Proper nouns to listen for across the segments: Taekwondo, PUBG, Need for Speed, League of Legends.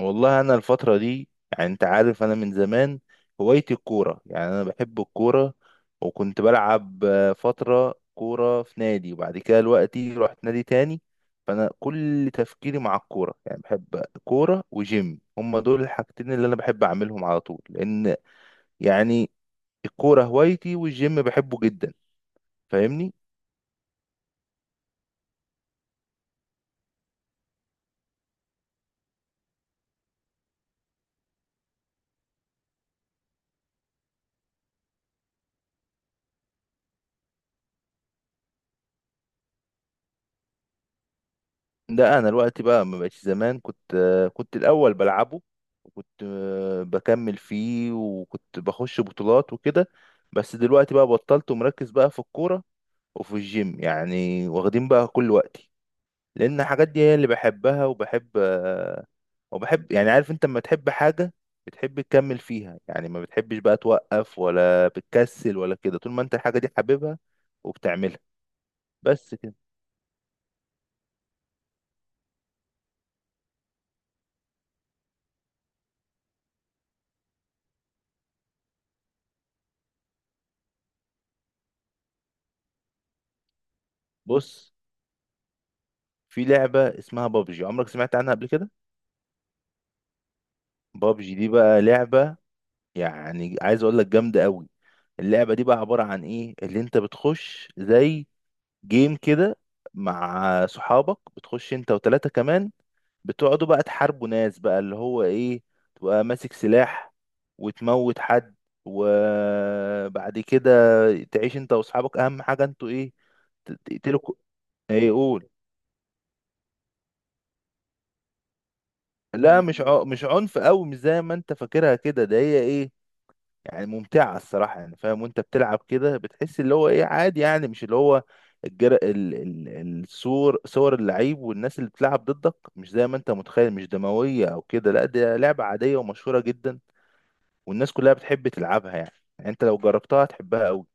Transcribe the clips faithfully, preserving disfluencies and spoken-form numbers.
والله انا الفتره دي، يعني انت عارف انا من زمان هوايتي الكوره، يعني انا بحب الكوره. وكنت بلعب آه، فتره كوره في نادي، وبعد كده دلوقتي رحت نادي تاني. فانا كل تفكيري مع الكوره، يعني بحب كوره وجيم، هما دول الحاجتين اللي انا بحب اعملهم على طول. لان يعني الكوره هوايتي، والجيم بحبه جدا، فاهمني؟ ده انا دلوقتي بقى ما بقتش زمان. كنت آه، كنت الاول بلعبه، وكنت آه، بكمل فيه، وكنت بخش بطولات وكده. بس دلوقتي بقى بطلت، ومركز بقى في الكورة وفي الجيم، يعني واخدين بقى كل وقتي. لان الحاجات دي هي اللي بحبها، وبحب آه، وبحب يعني، عارف انت لما تحب حاجة بتحب تكمل فيها؟ يعني ما بتحبش بقى توقف، ولا بتكسل ولا كده، طول ما انت الحاجة دي حاببها وبتعملها. بس كده. بص، في لعبة اسمها بابجي، عمرك سمعت عنها قبل كده؟ بابجي دي بقى لعبة، يعني عايز اقول لك جامدة قوي. اللعبة دي بقى عبارة عن ايه؟ اللي انت بتخش زي جيم كده مع صحابك، بتخش انت وتلاتة كمان، بتقعدوا بقى تحاربوا ناس، بقى اللي هو ايه، تبقى ماسك سلاح وتموت حد، وبعد كده تعيش انت واصحابك. اهم حاجة انتوا ايه، ت- تقتلوا كو- ايه قول. لا، مش ع... مش عنف قوي، مش زي ما انت فاكرها كده. ده هي إيه؟ يعني ممتعة الصراحة، يعني فاهم وانت بتلعب كده بتحس اللي هو ايه، عادي، يعني مش اللي هو الجر... ال... ال... الصور، صور اللعيب والناس اللي بتلعب ضدك مش زي ما انت متخيل، مش دموية او كده. لا، دي لعبة عادية ومشهورة جدا، والناس كلها بتحب تلعبها، يعني، يعني انت لو جربتها هتحبها قوي.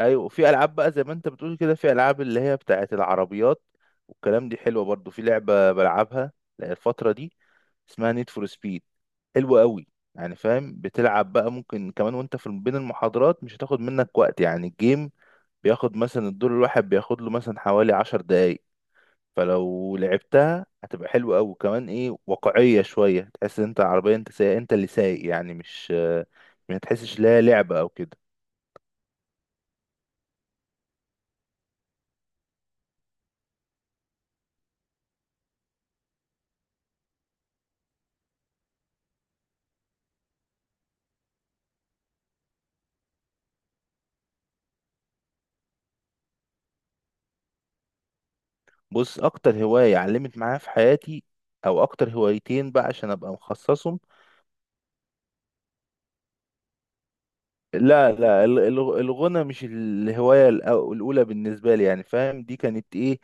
ايوه، وفي العاب بقى زي ما انت بتقول كده، في العاب اللي هي بتاعت العربيات والكلام، دي حلوه برضو. في لعبه بلعبها الفتره دي اسمها نيد فور سبيد، حلوه قوي. يعني فاهم، بتلعب بقى ممكن كمان وانت في بين المحاضرات، مش هتاخد منك وقت. يعني الجيم بياخد مثلا، الدور الواحد بياخد له مثلا حوالي عشر دقايق. فلو لعبتها هتبقى حلوه قوي، كمان ايه، واقعيه شويه، تحس ان انت العربيه، انت سايق، انت اللي سايق، يعني مش ما تحسش لا لعبه او كده. بص، اكتر هواية علمت معايا في حياتي، او اكتر هوايتين بقى عشان ابقى مخصصهم. لا لا، ال- ال- الغنى مش الهواية الأو- الاولى بالنسبة لي، يعني فاهم، دي كانت ايه،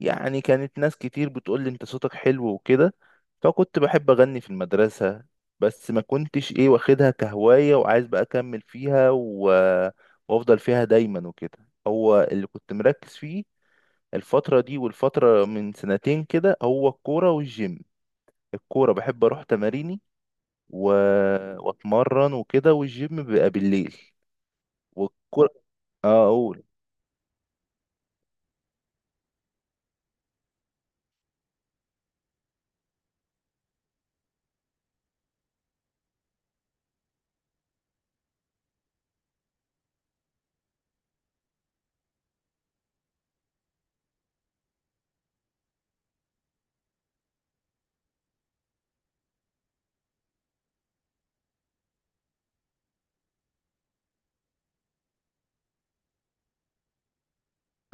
يعني كانت ناس كتير بتقول لي انت صوتك حلو وكده، فكنت بحب اغني في المدرسة، بس ما كنتش ايه واخدها كهواية وعايز بقى اكمل فيها، و... وافضل فيها دايما وكده. هو اللي كنت مركز فيه الفترة دي، والفترة من سنتين كده، هو الكورة والجيم. الكورة بحب أروح تماريني، و... وأتمرن وكده، والجيم بيبقى بالليل والكورة. آه أقول،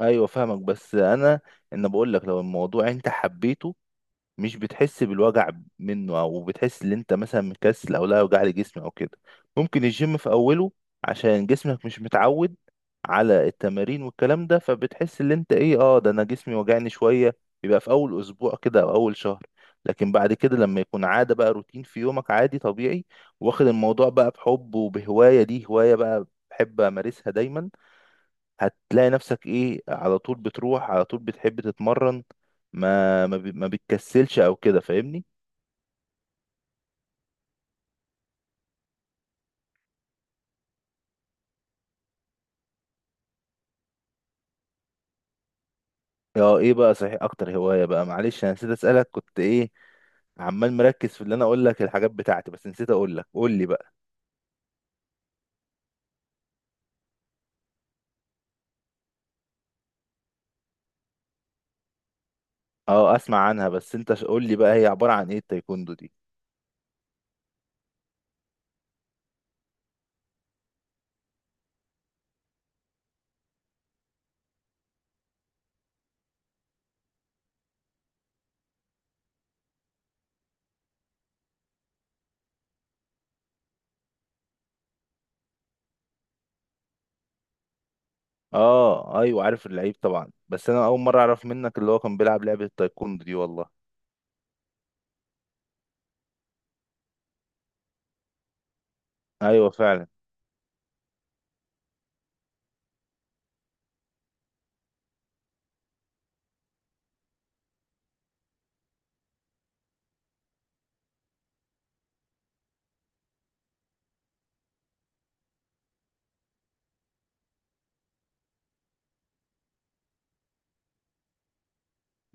أيوة فاهمك. بس أنا إن بقول لك، لو الموضوع أنت حبيته مش بتحس بالوجع منه، او بتحس ان انت مثلا مكسل او لا وجع لي جسمي او كده. ممكن الجيم في اوله، عشان جسمك مش متعود على التمارين والكلام ده، فبتحس ان انت ايه، اه ده انا جسمي وجعني شوية. بيبقى في اول اسبوع كده او اول شهر، لكن بعد كده لما يكون عادة بقى، روتين في يومك عادي طبيعي، واخد الموضوع بقى بحب وبهواية، دي هواية بقى بحب امارسها دايما، هتلاقي نفسك ايه، على طول بتروح، على طول بتحب تتمرن، ما ما, بي- ما بتكسلش او كده، فاهمني؟ اه، ايه بقى صحيح، اكتر هواية بقى، معلش انا نسيت اسألك، كنت ايه عمال مركز في اللي انا اقول لك الحاجات بتاعتي، بس نسيت اقول لك، قول لي بقى. اه، اسمع عنها، بس انت ش- قول لي بقى هي عبارة عن ايه التايكوندو دي؟ اه ايوه، عارف اللعيب طبعا، بس انا اول مرة اعرف منك اللي هو كان بيلعب لعبة التايكوندو دي والله. ايوه فعلا.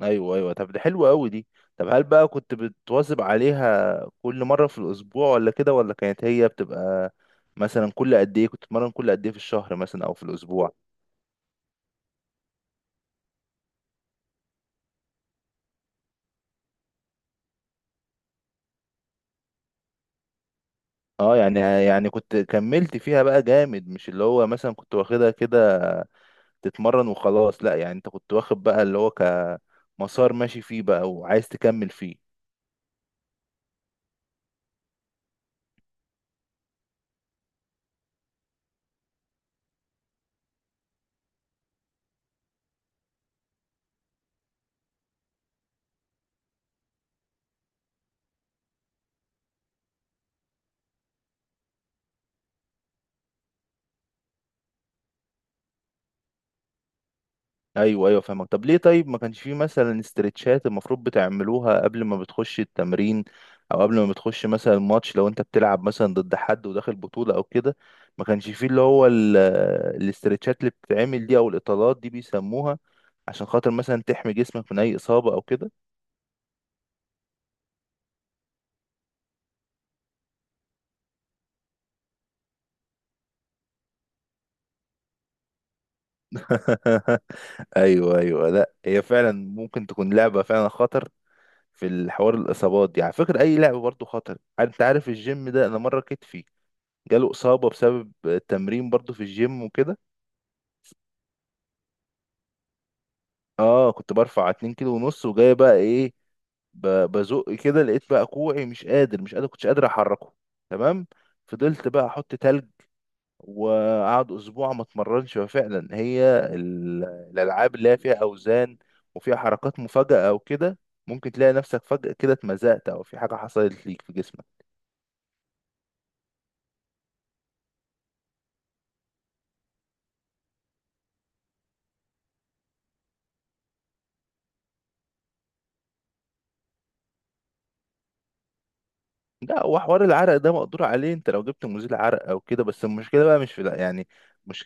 ايوه ايوه، طب ده حلو قوي دي. طب هل بقى كنت بتواظب عليها كل مره في الاسبوع، ولا كده، ولا كانت هي بتبقى مثلا كل قد ايه كنت تتمرن؟ كل قد ايه في الشهر مثلا او في الاسبوع؟ اه، يعني يعني كنت كملت فيها بقى جامد، مش اللي هو مثلا كنت واخدها كده تتمرن وخلاص. لا، يعني انت كنت واخد بقى اللي هو كمسار ماشي فيه بقى وعايز تكمل فيه. ايوه ايوه فاهمك. طب ليه؟ طيب ما كانش فيه مثلا استرتشات المفروض بتعملوها قبل ما بتخش التمرين، او قبل ما بتخش مثلا ماتش لو انت بتلعب مثلا ضد حد وداخل بطولة او كده؟ ما كانش فيه اللي هو ال- الاسترتشات اللي بتتعمل دي، او الاطالات دي بيسموها، عشان خاطر مثلا تحمي جسمك من اي اصابة او كده. ايوه ايوه، لا هي فعلا ممكن تكون لعبة فعلا خطر في الحوار. الاصابات دي على فكرة اي لعبة برضو خطر، عارف- انت عارف الجيم ده، انا مرة كتفي جاله إصابة بسبب التمرين برضو في الجيم وكده. اه، كنت برفع اتنين كيلو ونص، وجاي بقى ايه، ب- بزق كده، لقيت بقى كوعي مش قادر، مش قادر كنتش قادر احركه، تمام. فضلت بقى احط تلج، وقعد اسبوع ما اتمرنش. ففعلا هي ال- الالعاب اللي هي فيها اوزان وفيها حركات مفاجأة او كده، ممكن تلاقي نفسك فجأة كده اتمزقت، او في حاجة حصلت ليك في جسمك. لا، هو حوار العرق ده مقدور عليه، انت لو جبت مزيل عرق او كده، بس المشكلة بقى مش في، لا يعني. مش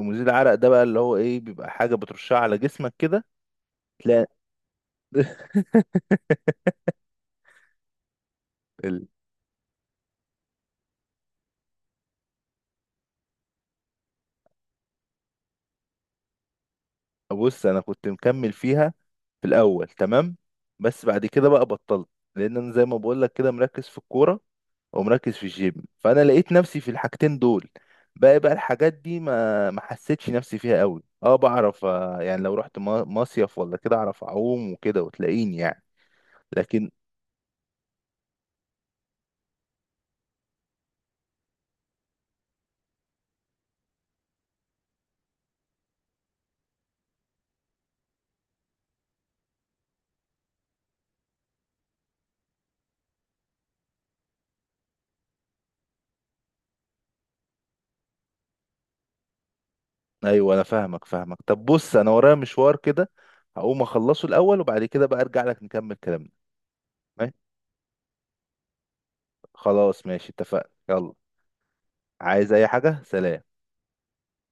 مزيل العرق ده بقى اللي هو ايه، بيبقى حاجة بترشها على جسمك كده، تلاقي ال- بص، انا كنت مكمل فيها في الاول، تمام. بس بعد كده بقى بطلت، لان انا زي ما بقول لك كده مركز في الكورة، ومركز في الجيم، فانا لقيت نفسي في الحاجتين دول. باقي بقى الحاجات دي ما ما حسيتش نفسي فيها قوي. اه، بعرف آه، يعني لو رحت ما- مصيف ولا كده، اعرف اعوم وكده، وتلاقيني يعني، لكن. ايوه، انا فاهمك فاهمك. طب بص، انا ورايا مشوار كده، هقوم اخلصه الاول، وبعد كده بقى ارجع لك نكمل كلامنا. ماشي؟ خلاص ماشي، اتفقنا، يلا. عايز اي حاجة؟ سلام.